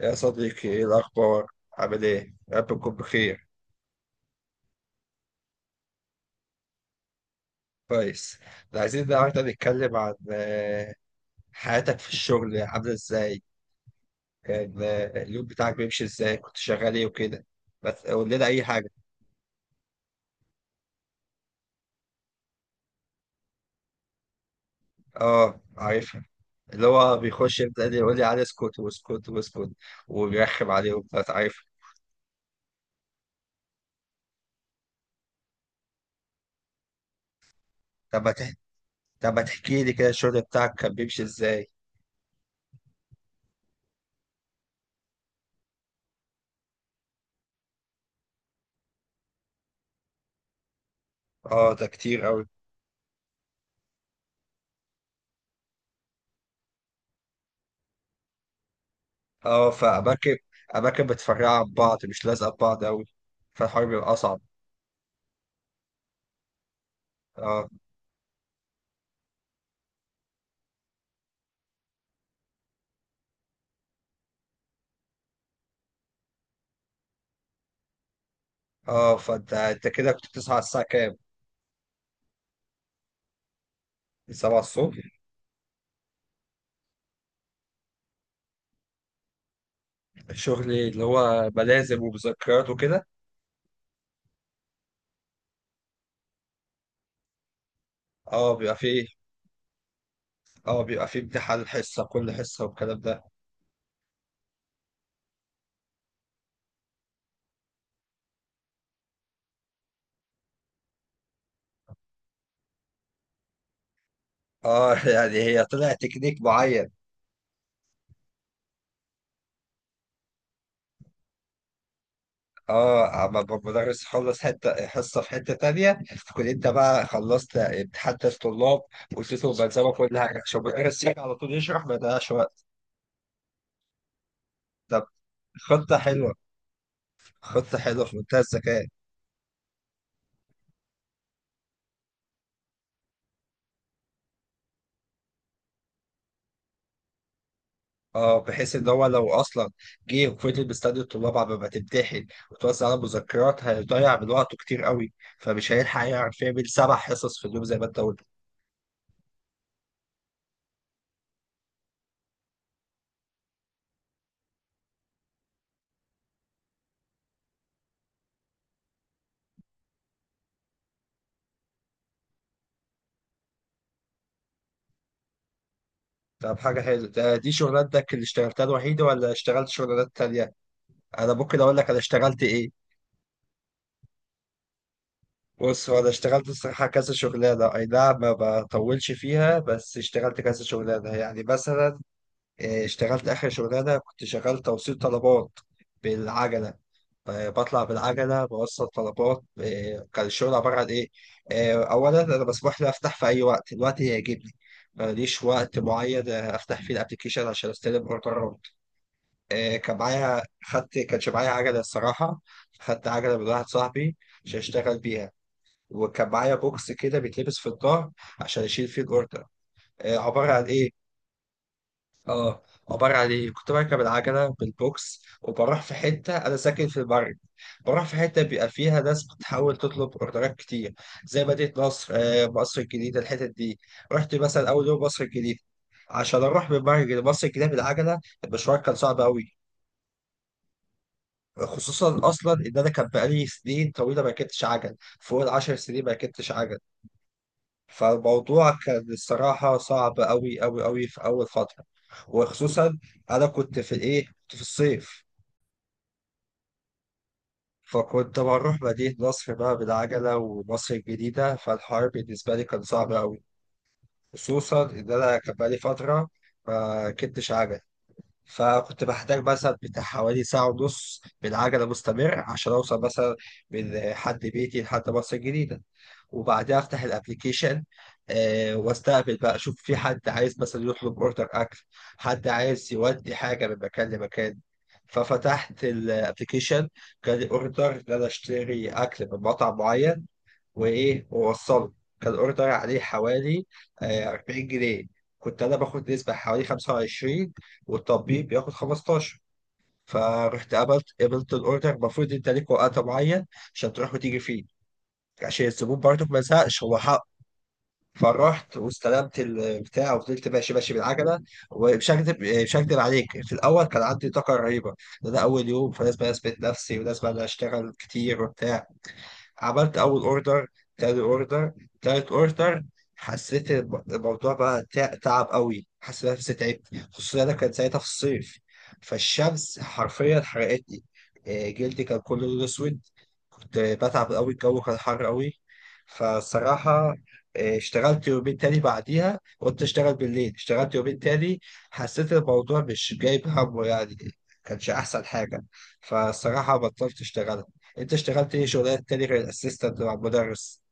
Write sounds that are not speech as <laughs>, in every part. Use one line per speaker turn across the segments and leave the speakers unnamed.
يا صديقي، ايه الاخبار؟ عامل ايه؟ يا رب تكون بخير. كويس. ده عايزين النهارده نتكلم عن حياتك في الشغل، عامله ازاي؟ كان اليوم بتاعك بيمشي ازاي؟ كنت شغال ايه وكده؟ بس قول لنا اي حاجه. اه، عارفها. اللي هو بيخش يبدا يقول لي على اسكت واسكت واسكت، وبيرخم عليه وبتاع، عارف؟ طب ما تح- طب ما تحكي لي كده الشغل بتاعك كان بيمشي ازاي؟ اه، ده كتير قوي. اه، فاماكن، اماكن متفرعه عن بعض، مش لازقه في بعض قوي، فالحوار بيبقى اصعب. اه. اه، فانت كده كنت بتصحى على الساعة كام؟ 7 الصبح؟ شغلي اللي هو ملازم ومذكرات وكده؟ اه، بيبقى فيه، اه بيبقى فيه امتحان حصة كل حصة والكلام ده؟ اه <laughs> يعني هي طلع تكنيك معين. اه، المدرس يخلص حتة حصة في حتة تانية، تكون انت بقى خلصت امتحان الطلاب، واديتهم ملزمة كل حاجة عشان المدرس يجي على طول يشرح، ما يضيعش وقت. طب، خطة حلوة، خطة حلوة في منتهى الذكاء. اه، بحيث ان هو لو اصلا جه وفضل مستني الطلاب على ما تمتحن وتوزع على مذكرات، هيضيع من وقته كتير قوي، فمش هيلحق يعرف يعمل سبع حصص في اليوم زي ما انت قلت. طب، حاجه حلوه. ده دي شغلانتك اللي اشتغلتها الوحيده، ولا اشتغلت شغلانات تانية؟ انا ممكن اقول لك انا اشتغلت ايه. بص، هو انا اشتغلت الصراحه كذا شغلانه، اي نعم ما بطولش فيها، بس اشتغلت كذا شغلانه، يعني مثلا اه، اشتغلت اخر شغلانه كنت شغال توصيل طلبات بالعجله. بطلع بالعجلة بوصل طلبات. كان الشغل عبارة عن إيه؟ أولا أنا مسموح لي أفتح في أي وقت، الوقت اللي يعجبني، ماليش وقت معين أفتح فيه الأبلكيشن عشان أستلم أوردرات. كان معايا، خدت، كانش معايا عجلة الصراحة، خدت عجلة من واحد صاحبي عشان أشتغل بيها، وكان معايا بوكس كده بيتلبس في الظهر عشان أشيل فيه الأوردر. عبارة عن إيه؟ اه، عبارة عن ايه، كنت بركب العجلة بالبوكس وبروح في حتة، أنا ساكن في البرج، بروح في حتة بيبقى فيها ناس بتحاول تطلب أوردرات كتير، زي مدينة نصر، مصر الجديدة، الحتت دي. رحت مثلا أول يوم مصر الجديدة. عشان أروح من البرج لمصر الجديدة بالعجلة، المشوار كان صعب أوي. خصوصا أصلا إن أنا كان بقالي سنين طويلة ما ركبتش عجل، فوق العشر سنين ما ركبتش عجل. فالموضوع كان الصراحة صعب أوي أوي أوي في أول فترة. وخصوصا أنا كنت في الإيه، كنت في الصيف. فكنت بروح مدينة نصر بقى بالعجلة ومصر الجديدة، فالحوار بالنسبة لي كان صعب أوي. خصوصا إن أنا كان بقالي فترة ما ركبتش عجل. فكنت بحتاج مثلا بتاع حوالي ساعة ونص بالعجلة مستمر عشان أوصل مثلا من حد بيتي لحد مصر الجديدة. وبعدها أفتح الأبليكيشن، آه، وأستقبل بقى، أشوف في حد عايز مثلا يطلب أوردر أكل، حد عايز يودي حاجة من مكان لمكان. ففتحت الابلكيشن، جالي اوردر ان انا اشتري اكل من مطعم معين وايه ووصله. كان الاوردر عليه حوالي 40 جنيه. كنت انا باخد نسبه حوالي 25، والتطبيق بياخد 15. فرحت قبلت الاوردر. المفروض انت ليك وقت معين عشان تروح وتيجي فيه، عشان الزبون برضه ما يزهقش، هو حق. فرحت واستلمت البتاع وفضلت ماشي ماشي بالعجله. ومش هكدب مش هكدب عليك، في الاول كان عندي طاقه رهيبه، ده اول يوم، فلازم اثبت نفسي ولازم انا اشتغل كتير وبتاع. عملت اول اوردر، تاني اوردر، تالت اوردر، حسيت الموضوع بقى تعب قوي، حسيت نفسي تعبت. خصوصا انا كان ساعتها في الصيف، فالشمس حرفيا حرقتني. جلدي كان كله لون اسود. كنت بتعب قوي، الجو كان حر قوي. فالصراحة اشتغلت يومين تاني بعديها، قلت اشتغل بالليل، اشتغلت يومين تاني، حسيت الموضوع مش جايب همه يعني، كانش احسن حاجة، فالصراحة بطلت اشتغل. انت اشتغلت ايه شغلانات تاني غير الاسيستنت مع المدرس؟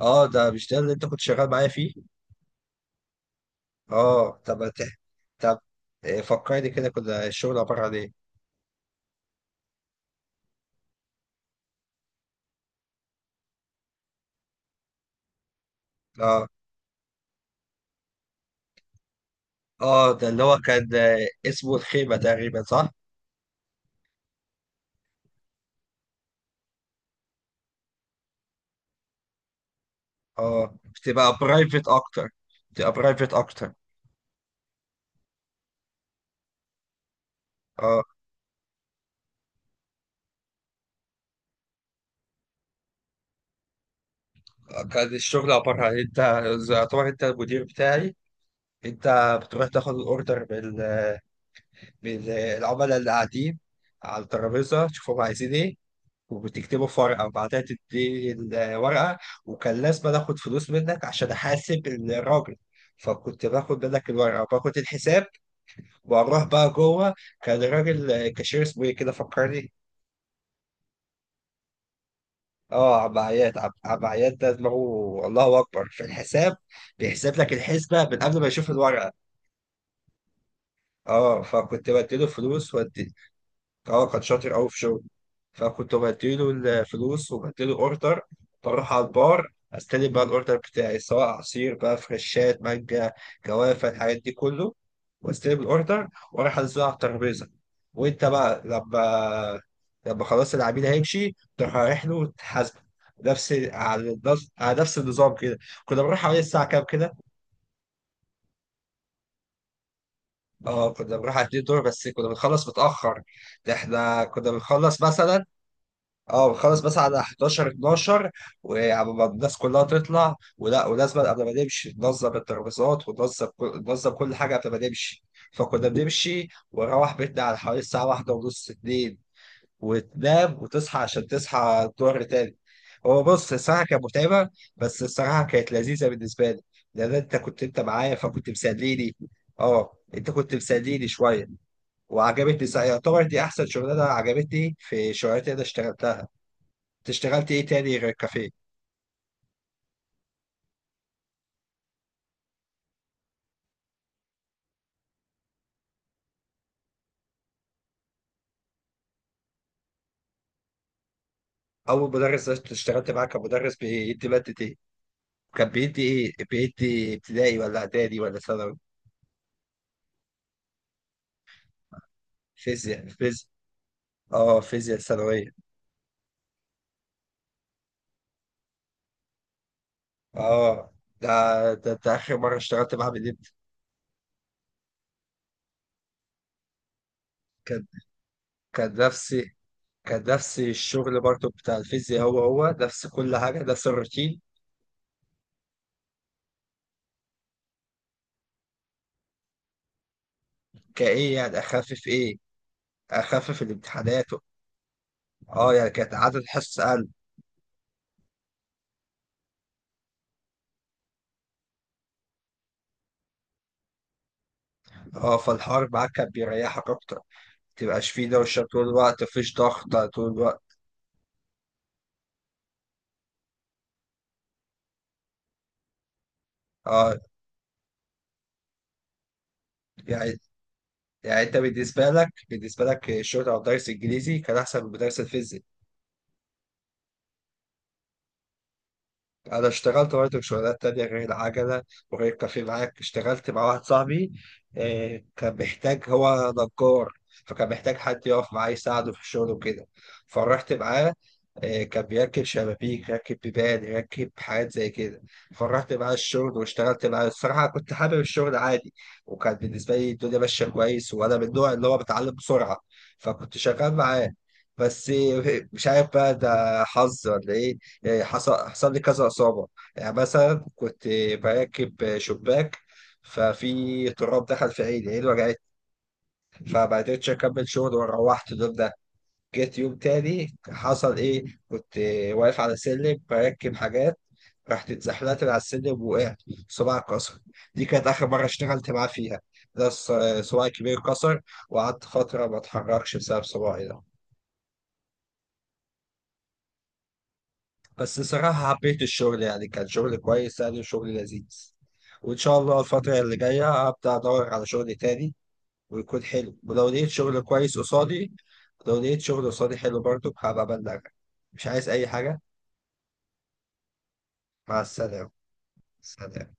اه، ده مش ده اللي انت كنت شغال معايا فيه؟ اه. طب ما ت- طب فكرني كده، كنا الشغل عبارة عن ايه؟ اه. اه، ده اللي هو كان اسمه الخيمة تقريبا، صح؟ اه، بتبقى برايفت اكتر، بتبقى برايفت اكتر. اه. كان الشغل عبارة عن انت، زي- يعتبر انت المدير بتاعي، انت بتروح تاخد الاوردر من من العملاء اللي قاعدين على الترابيزة، تشوفهم عايزين ايه، وبتكتبه في ورقة، وبعدها تدي الورقة. وكان لازم آخد فلوس منك عشان أحاسب الراجل، فكنت باخد منك الورقة وباخد الحساب وأروح بقى جوه. كان الراجل كاشير، اسمه إيه كده، فكرني. اه، عم عياد. عم عياد ده دماغه الله أكبر في الحساب، بيحسب لك الحسبة من قبل ما يشوف الورقة. اه، فكنت بديله فلوس ودي. اه، كان شاطر أوي في شغله. فكنت بديله الفلوس وبديله اوردر، بروح على البار استلم بقى الاوردر بتاعي، سواء عصير بقى، فريشات مانجا، جوافه، الحاجات دي كله. واستلم الاوردر، واروح انزله على الترابيزه. وانت بقى لما، لما خلاص العميل هيمشي، تروح رايح له وتحاسبه. نفس على نفس على نفس النظام كده. كنا بنروح حوالي الساعة كام كده؟ اه، كنا بنروح على 2 دور، بس كنا بنخلص متأخر. ده احنا كنا بنخلص مثلا، اه، بخلص بس على 11، 12. وقبل ما الناس كلها تطلع ولا، ولازم قبل ما نمشي ننظم الترابيزات، ننظم كل حاجه قبل ما نمشي. فكنا بنمشي ونروح بيتنا على حوالي الساعه واحدة ونص، اتنين. وتنام وتصحى عشان تصحى الظهر تاني. هو بص، الصراحه كانت متعبه، بس الصراحه كانت لذيذه بالنسبه لي. لان انت كنت، انت معايا فكنت مسليني. اه، انت كنت مسليني شويه. وعجبتني، يعتبر دي احسن شغلانه عجبتني في شغلاتي اللي انا اشتغلتها. اشتغلت ايه تاني غير الكافيه؟ اول مدرس اشتغلت معاه كان مدرس بيدي ماده ايه؟ كان بيدي ايه، بيدي ابتدائي ولا اعدادي ولا ثانوي؟ فيزياء، فيزياء. اه، فيزياء ثانويه. اه. ده, ده اخر مره اشتغلت معاه من امتى؟ كان، كان نفس كان نفس الشغل برضه بتاع الفيزياء، هو هو نفس كل حاجه، نفس الروتين. كايه يعني اخفف ايه؟ اخفف الامتحانات؟ اه، يعني كانت عدد حصص اقل؟ اه، فالحوار معاك كان بيريحك اكتر، تبقاش فيه دوشة طول الوقت، مفيش ضغط طول الوقت. اه، يعني، يعني انت بالنسبة لك، بالنسبة لك الشغل او درس انجليزي كان احسن من درس الفيزياء. انا اشتغلت برضه شغلانات تانية غير العجلة وغير كافيه معاك. اشتغلت مع واحد صاحبي، كان محتاج، هو نجار، فكان محتاج حد يقف معاه يساعده في الشغل وكده. فرحت معاه، كان بيركب شبابيك، يركب بيبان، يركب حاجات زي كده. فرحت معاه الشغل واشتغلت معاه، الصراحة كنت حابب الشغل عادي، وكان بالنسبة لي الدنيا ماشية كويس، وأنا من النوع اللي هو بتعلم بسرعة، فكنت شغال معاه. بس مش عارف بقى ده حظ ولا إيه، يعني حصل لي كذا إصابة. يعني مثلا كنت براكب شباك، ففي تراب دخل في عيني، عيني وجعت، فما قدرتش أكمل شغل، وروحت اليوم ده. جيت يوم تاني، حصل إيه، كنت واقف على سلم براكب حاجات، رحت اتزحلقت من على السلم ووقعت، صباعي اتكسر. دي كانت آخر مرة اشتغلت معاه فيها. ده صباعي الكبير اتكسر، وقعدت فترة ما اتحركش بسبب صباعي ده. بس صراحة حبيت الشغل، يعني كان شغل كويس يعني، وشغل لذيذ. وإن شاء الله الفترة اللي جاية أبدأ أدور على شغل تاني، ويكون حلو، ولو لقيت شغل كويس قصادي، لو لقيت شغل قصادي حلو برضه هبقى أبلغك. مش عايز أي حاجة. مع السلامة. سلام.